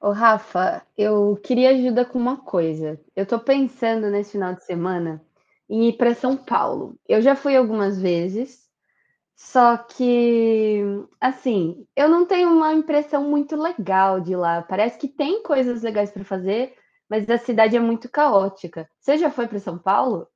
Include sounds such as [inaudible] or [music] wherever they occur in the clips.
Ô, Rafa, eu queria ajuda com uma coisa. Eu tô pensando nesse final de semana em ir para São Paulo. Eu já fui algumas vezes, só que, assim, eu não tenho uma impressão muito legal de lá. Parece que tem coisas legais para fazer, mas a cidade é muito caótica. Você já foi para São Paulo?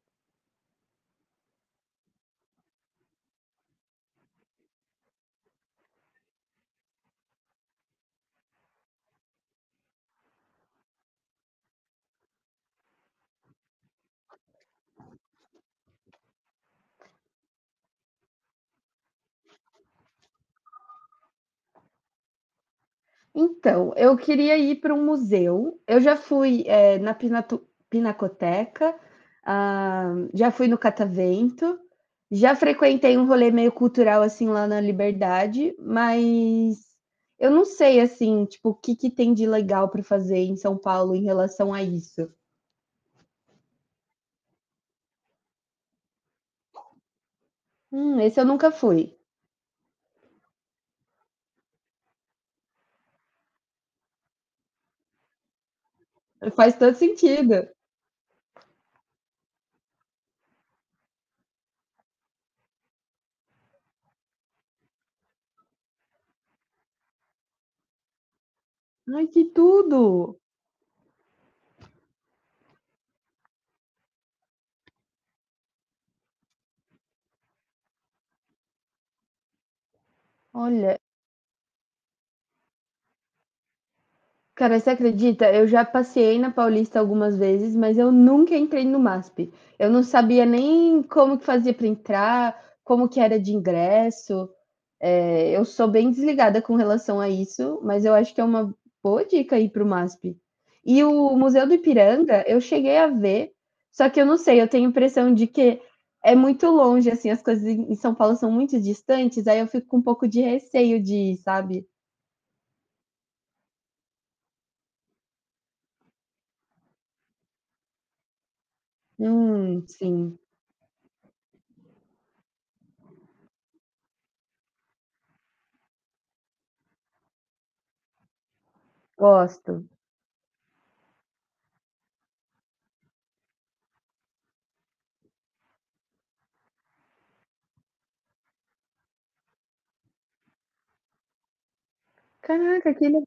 Então, eu queria ir para um museu. Eu já fui, na Pinatu Pinacoteca, ah, já fui no Catavento, já frequentei um rolê meio cultural, assim, lá na Liberdade, mas eu não sei, assim, tipo, o que que tem de legal para fazer em São Paulo em relação a isso. Esse eu nunca fui. Faz todo sentido. Ai, que tudo! Olha. Cara, você acredita? Eu já passei na Paulista algumas vezes, mas eu nunca entrei no MASP. Eu não sabia nem como que fazia para entrar, como que era de ingresso. É, eu sou bem desligada com relação a isso, mas eu acho que é uma boa dica aí para o MASP. E o Museu do Ipiranga, eu cheguei a ver, só que eu não sei, eu tenho a impressão de que é muito longe, assim, as coisas em São Paulo são muito distantes, aí eu fico com um pouco de receio de ir, sabe? Sim, gosto. Caraca.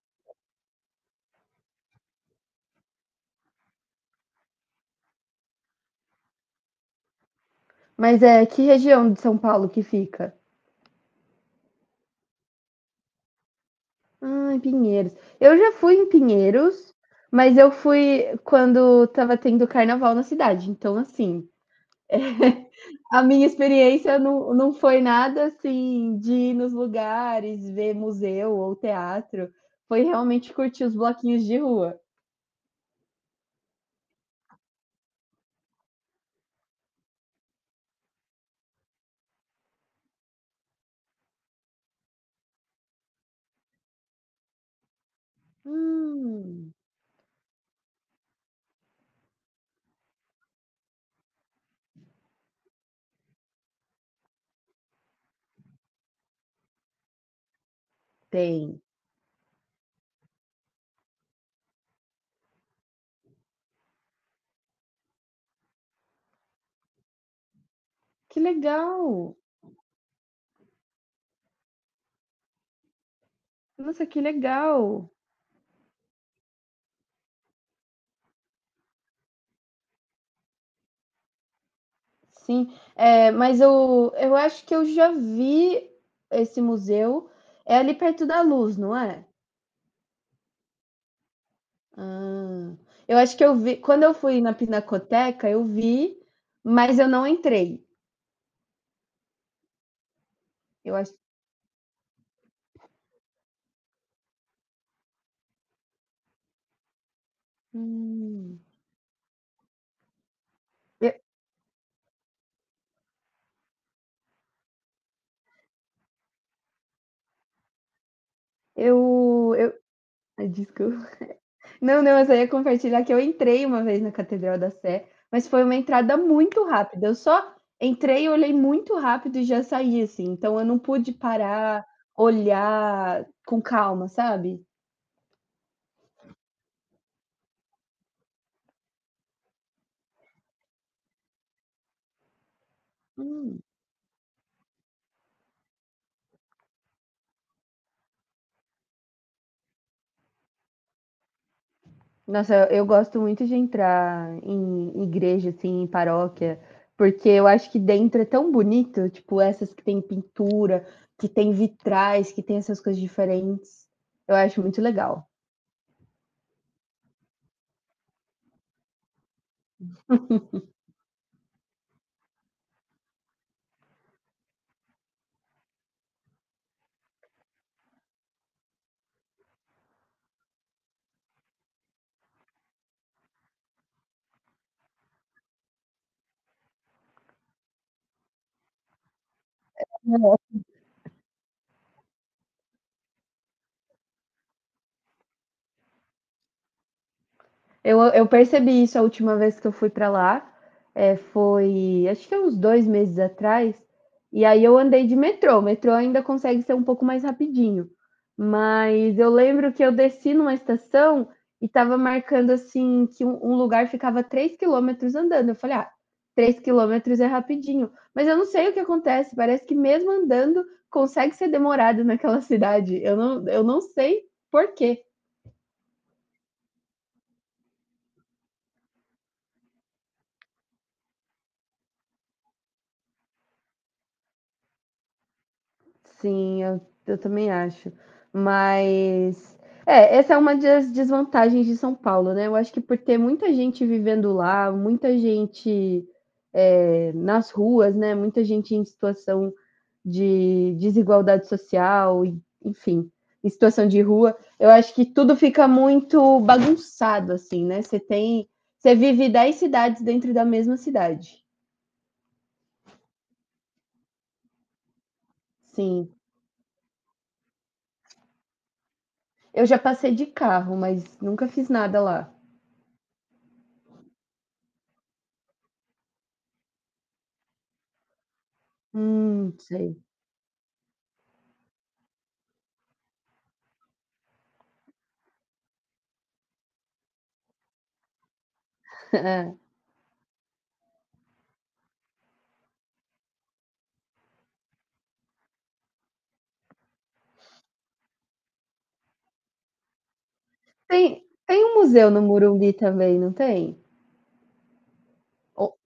Mas é que região de São Paulo que fica? Ah, em Pinheiros. Eu já fui em Pinheiros, mas eu fui quando tava tendo carnaval na cidade. Então, assim, a minha experiência não, não foi nada assim de ir nos lugares, ver museu ou teatro. Foi realmente curtir os bloquinhos de rua. Hum, tem. Que legal! Nossa, que legal! Sim, é, mas eu acho que eu já vi esse museu. É ali perto da Luz, não é? Ah, eu acho que eu vi. Quando eu fui na Pinacoteca, eu vi, mas eu não entrei. Eu acho. Hum, eu, eu, eu, Ai, desculpa. Não, não, eu só ia compartilhar que eu entrei uma vez na Catedral da Sé, mas foi uma entrada muito rápida. Eu só entrei, olhei muito rápido e já saí, assim. Então eu não pude parar, olhar com calma, sabe? Hum. Nossa, eu gosto muito de entrar em igreja, assim, em paróquia, porque eu acho que dentro é tão bonito, tipo, essas que tem pintura, que tem vitrais, que tem essas coisas diferentes. Eu acho muito legal. Eu percebi isso a última vez que eu fui para lá. É, foi, acho que é uns 2 meses atrás. E aí eu andei de metrô. O metrô ainda consegue ser um pouco mais rapidinho. Mas eu lembro que eu desci numa estação e estava marcando assim que um lugar ficava 3 quilômetros andando. Eu falei, ah, 3 quilômetros é rapidinho. Mas eu não sei o que acontece. Parece que mesmo andando consegue ser demorado naquela [laughs] cidade. Eu não sei por quê. Sim, eu também acho. Mas é, essa é uma das desvantagens de São Paulo, né? Eu acho que por ter muita gente vivendo lá, muita gente é, nas ruas, né? Muita gente em situação de desigualdade social, enfim, em situação de rua, eu acho que tudo fica muito bagunçado, assim, né? Você tem, você vive 10 cidades dentro da mesma cidade. Sim, eu já passei de carro, mas nunca fiz nada lá. Sei. [laughs] É. Tem um museu no Morumbi também, não tem? Ou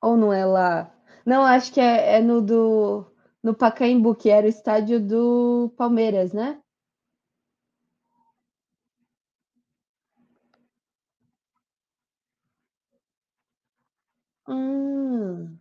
ou não é lá? Não, acho que é no Pacaembu, que era o estádio do Palmeiras, né? Hum.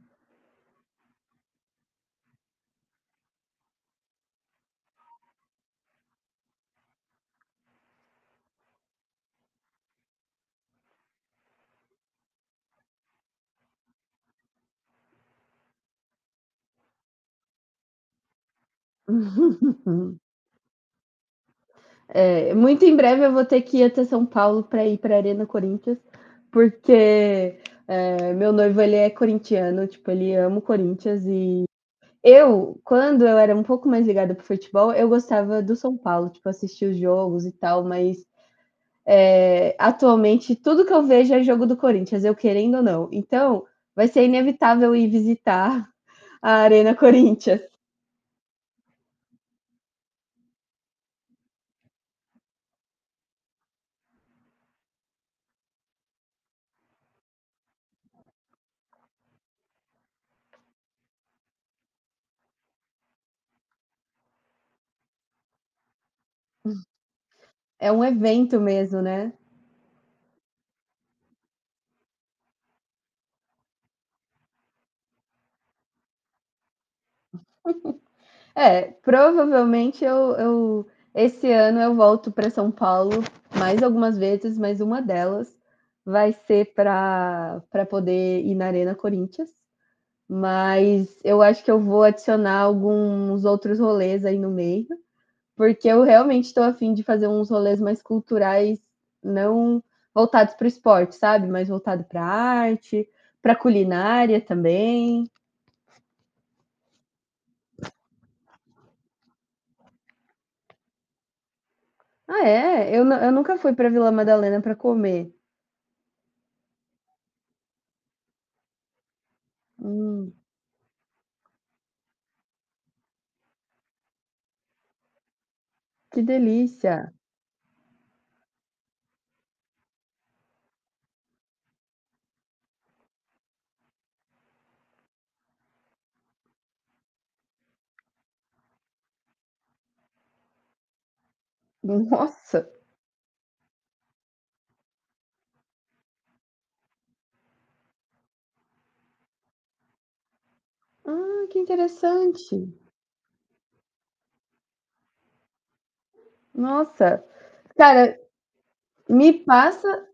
[laughs] É, muito em breve eu vou ter que ir até São Paulo para ir para Arena Corinthians, porque, meu noivo ele é corintiano, tipo, ele ama o Corinthians e Quando eu era um pouco mais ligada pro futebol, eu gostava do São Paulo, tipo, assistir os jogos e tal, mas é, atualmente tudo que eu vejo é jogo do Corinthians, eu querendo ou não. Então, vai ser inevitável ir visitar a Arena Corinthians. É um evento mesmo, né? É, provavelmente eu esse ano eu volto para São Paulo mais algumas vezes, mas uma delas vai ser para poder ir na Arena Corinthians. Mas eu acho que eu vou adicionar alguns outros rolês aí no meio, porque eu realmente estou afim de fazer uns rolês mais culturais, não voltados para o esporte, sabe? Mas voltado para arte, para culinária também. Ah, é? Eu nunca fui para Vila Madalena para comer. Hum, que delícia! Nossa! Ah, que interessante! Nossa! Cara, me passa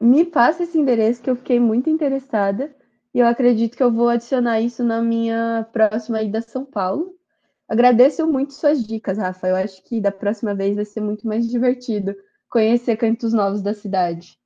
Me passa esse endereço que eu fiquei muito interessada e eu acredito que eu vou adicionar isso na minha próxima ida a São Paulo. Agradeço muito suas dicas, Rafa. Eu acho que da próxima vez vai ser muito mais divertido conhecer cantos novos da cidade.